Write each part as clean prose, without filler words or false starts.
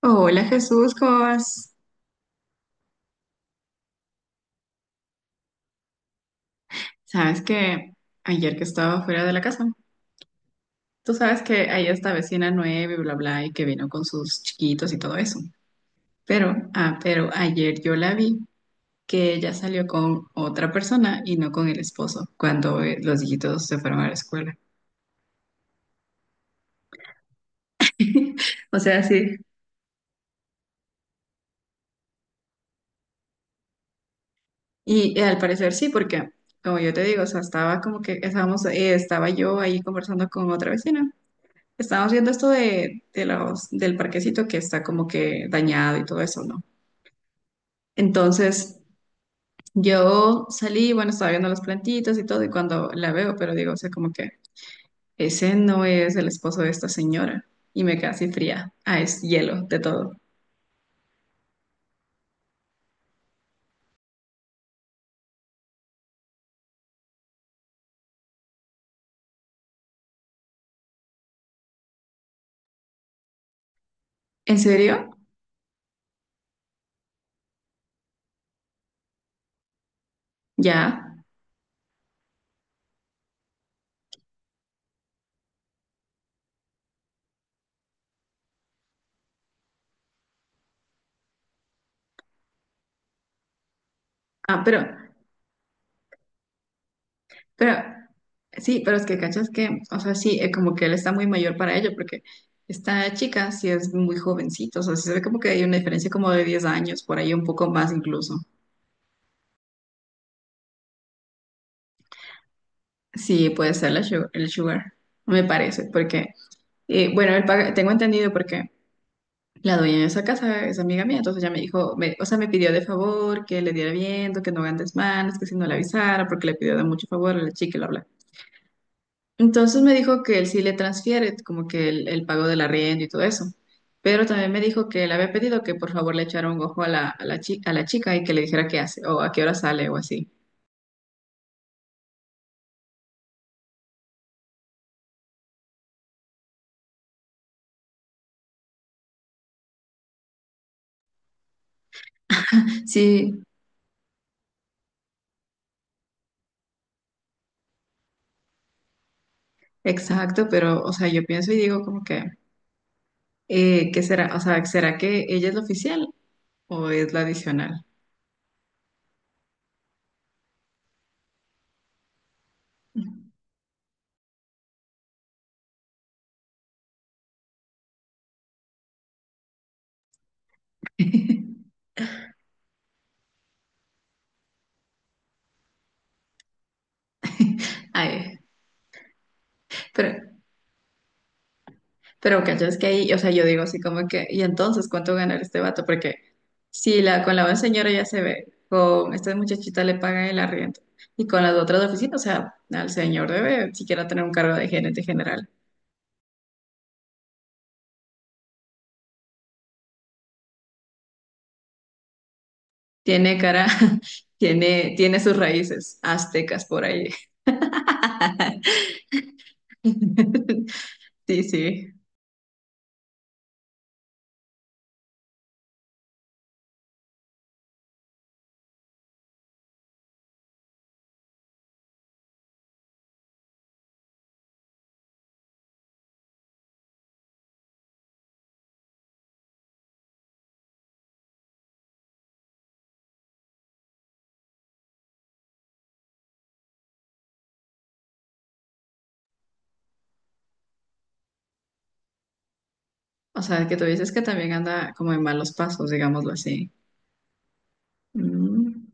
Hola Jesús, ¿cómo vas? Sabes que ayer que estaba fuera de la casa, tú sabes que hay esta vecina nueva y bla bla y que vino con sus chiquitos y todo eso. Pero, pero ayer yo la vi que ella salió con otra persona y no con el esposo cuando los hijitos se fueron a la escuela. O sea, sí. Y, al parecer sí, porque como yo te digo, o sea, estaba como que estaba yo ahí conversando con otra vecina. Estábamos viendo esto del parquecito que está como que dañado y todo eso, ¿no? Entonces, yo salí, bueno, estaba viendo las plantitas y todo, y cuando la veo, pero digo, o sea, como que ese no es el esposo de esta señora. Y me quedé así fría. Ah, es hielo de todo. ¿En serio? Ya. Ah, pero, pero, sí, pero es que cachas que, o sea, sí, como que él está muy mayor para ello, porque esta chica sí es muy jovencito, o sea, sí se ve como que hay una diferencia como de 10 años, por ahí un poco más incluso. Sí, puede ser el sugar, me parece, porque, bueno, tengo entendido porque la dueña de esa casa es amiga mía, entonces ella me dijo, o sea, me pidió de favor que le diera viento, que no hagan desmanes, que si no le avisara, porque le pidió de mucho favor a la chica y bla, bla. Entonces me dijo que él sí le transfiere como que el pago del arriendo y todo eso, pero también me dijo que le había pedido que por favor le echara un ojo a la chica y que le dijera qué hace o a qué hora sale o así. Sí, exacto, pero, o sea, yo pienso y digo como que... ¿Qué será? O sea, ¿será que ella es la oficial o es la adicional? Ay, pero, pero cachas que ahí, o sea, yo digo así como que, ¿y entonces cuánto ganará este vato? Porque si la, con la buena señora ya se ve, con esta muchachita le pagan el arriendo, y con las otras oficinas, o sea, al señor debe siquiera tener un cargo de gerente general. Tiene cara, tiene sus raíces aztecas por ahí. Sí, sí. O sea, que tú dices que también anda como en malos pasos, digámoslo así. Mm.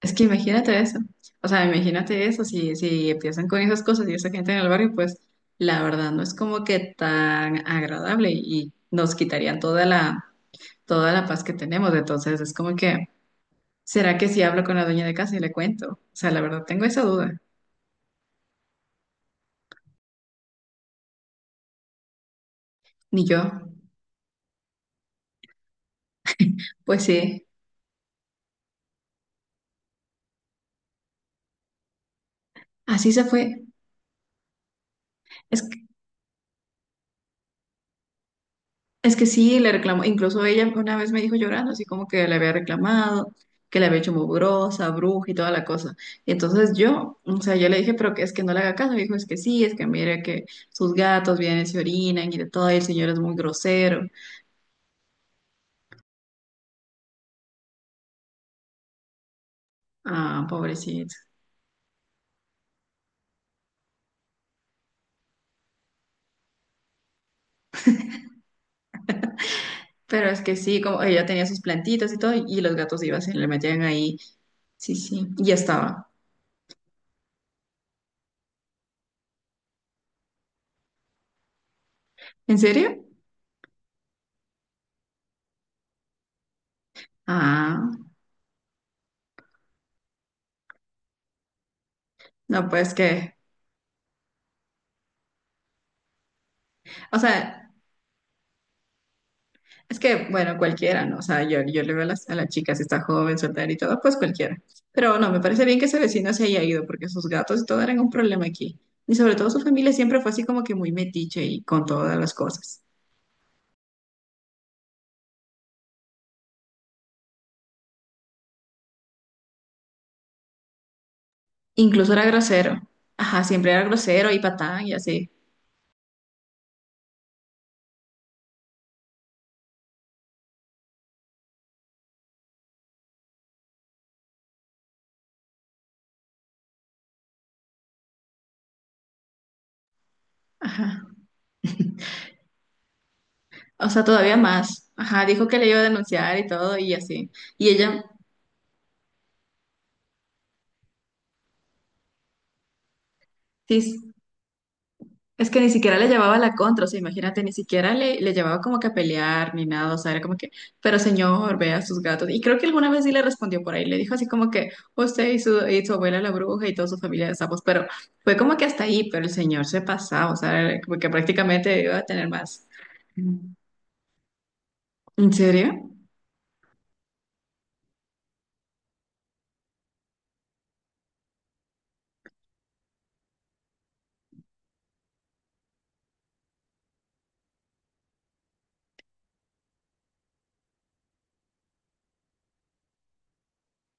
Es que imagínate eso. O sea, imagínate eso. Si, si empiezan con esas cosas y esa gente en el barrio, pues la verdad no es como que tan agradable y nos quitarían toda la paz que tenemos. Entonces es como que, ¿será que si hablo con la dueña de casa y le cuento? O sea, la verdad tengo esa duda. Ni yo. Pues sí, así se fue. Es que sí, le reclamó, incluso ella una vez me dijo llorando, así como que le había reclamado, que le había hecho mugrosa, bruja y toda la cosa. Y entonces yo, o sea, yo le dije, pero que es que no le haga caso. Me dijo, es que sí, es que mire que sus gatos vienen y se orinan y de todo, y el señor es muy grosero. Ah, pobrecito. Pero es que sí, como ella tenía sus plantitas y todo, y los gatos iban, se le metían ahí. Sí, sí, y ya estaba. ¿En serio? Ah, no, pues que, o sea. Es que, bueno, cualquiera, ¿no? O sea, yo le veo a a las chicas, está joven, soltera y todo, pues cualquiera. Pero no, me parece bien que ese vecino se haya ido, porque sus gatos y todo eran un problema aquí. Y sobre todo su familia siempre fue así como que muy metiche y con todas las cosas. Incluso era grosero. Ajá, siempre era grosero y patán y así. Ajá. O sea, todavía más. Ajá, dijo que le iba a denunciar y todo y así. Y ella, sí, es que ni siquiera le llevaba la contra, o sea, imagínate, ni siquiera le llevaba como que a pelear ni nada, o sea, era como que, pero señor, vea sus gatos. Y creo que alguna vez sí le respondió por ahí, le dijo así como que usted y y su abuela la bruja y toda su familia de sapos, pero fue como que hasta ahí, pero el señor se pasaba, o sea, era como que prácticamente iba a tener más. Mm. ¿En serio?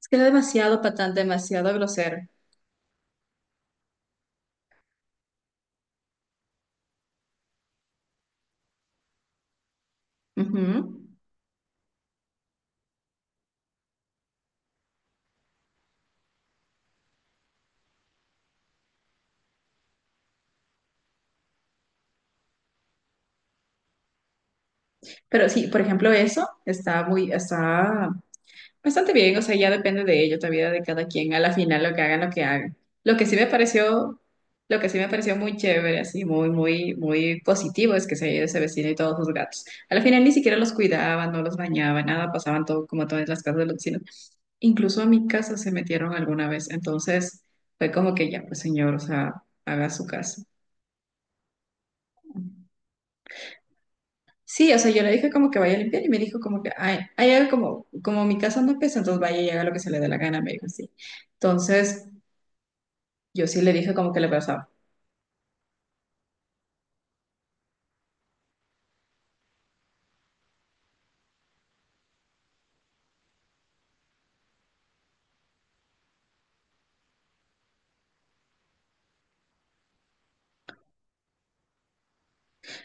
Es que era demasiado patán, demasiado grosero. Ujú. Pero sí, por ejemplo, eso está muy, está. Bastante bien, o sea, ya depende de ello, todavía de cada quien, a la final lo que hagan, lo que hagan. Lo que sí me pareció, lo que sí me pareció muy chévere, así, muy, muy, muy positivo es que se haya ido ese vecino y todos sus gatos. A la final ni siquiera los cuidaban, no los bañaban, nada, pasaban todo como todas las casas de los vecinos. Incluso a mi casa se metieron alguna vez, entonces fue como que ya, pues señor, o sea, haga su casa. Sí, o sea, yo le dije como que vaya a limpiar y me dijo como que, ay, haga como, como mi casa no pesa, entonces vaya y haga lo que se le dé la gana, me dijo así. Entonces... Yo sí le dije como que le pasaba.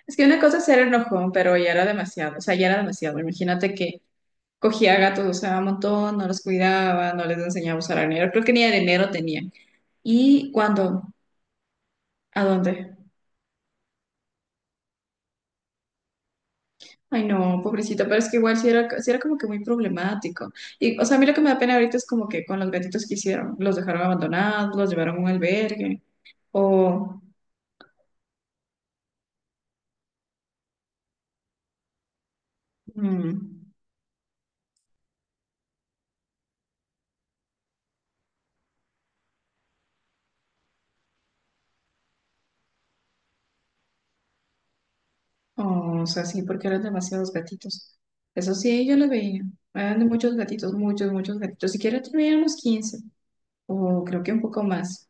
Es que una cosa es ser enojón, pero ya era demasiado, o sea, ya era demasiado. Imagínate que cogía gatos, o sea, un montón, no los cuidaba, no les enseñaba a usar dinero, creo que ni dinero tenían. ¿Y cuando ¿a dónde? Ay, no, pobrecito, pero es que igual sí era como que muy problemático. Y, o sea, a mí lo que me da pena ahorita es como que con los gatitos que hicieron, los dejaron abandonados, los llevaron a un albergue, o... mm. Oh, o sea, sí, porque eran demasiados gatitos. Eso sí, yo lo veía. Eran de muchos gatitos, muchos, muchos gatitos. Siquiera tuviera unos 15, o creo que un poco más.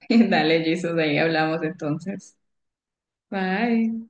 Dale, Jesús, ahí hablamos entonces. Bye.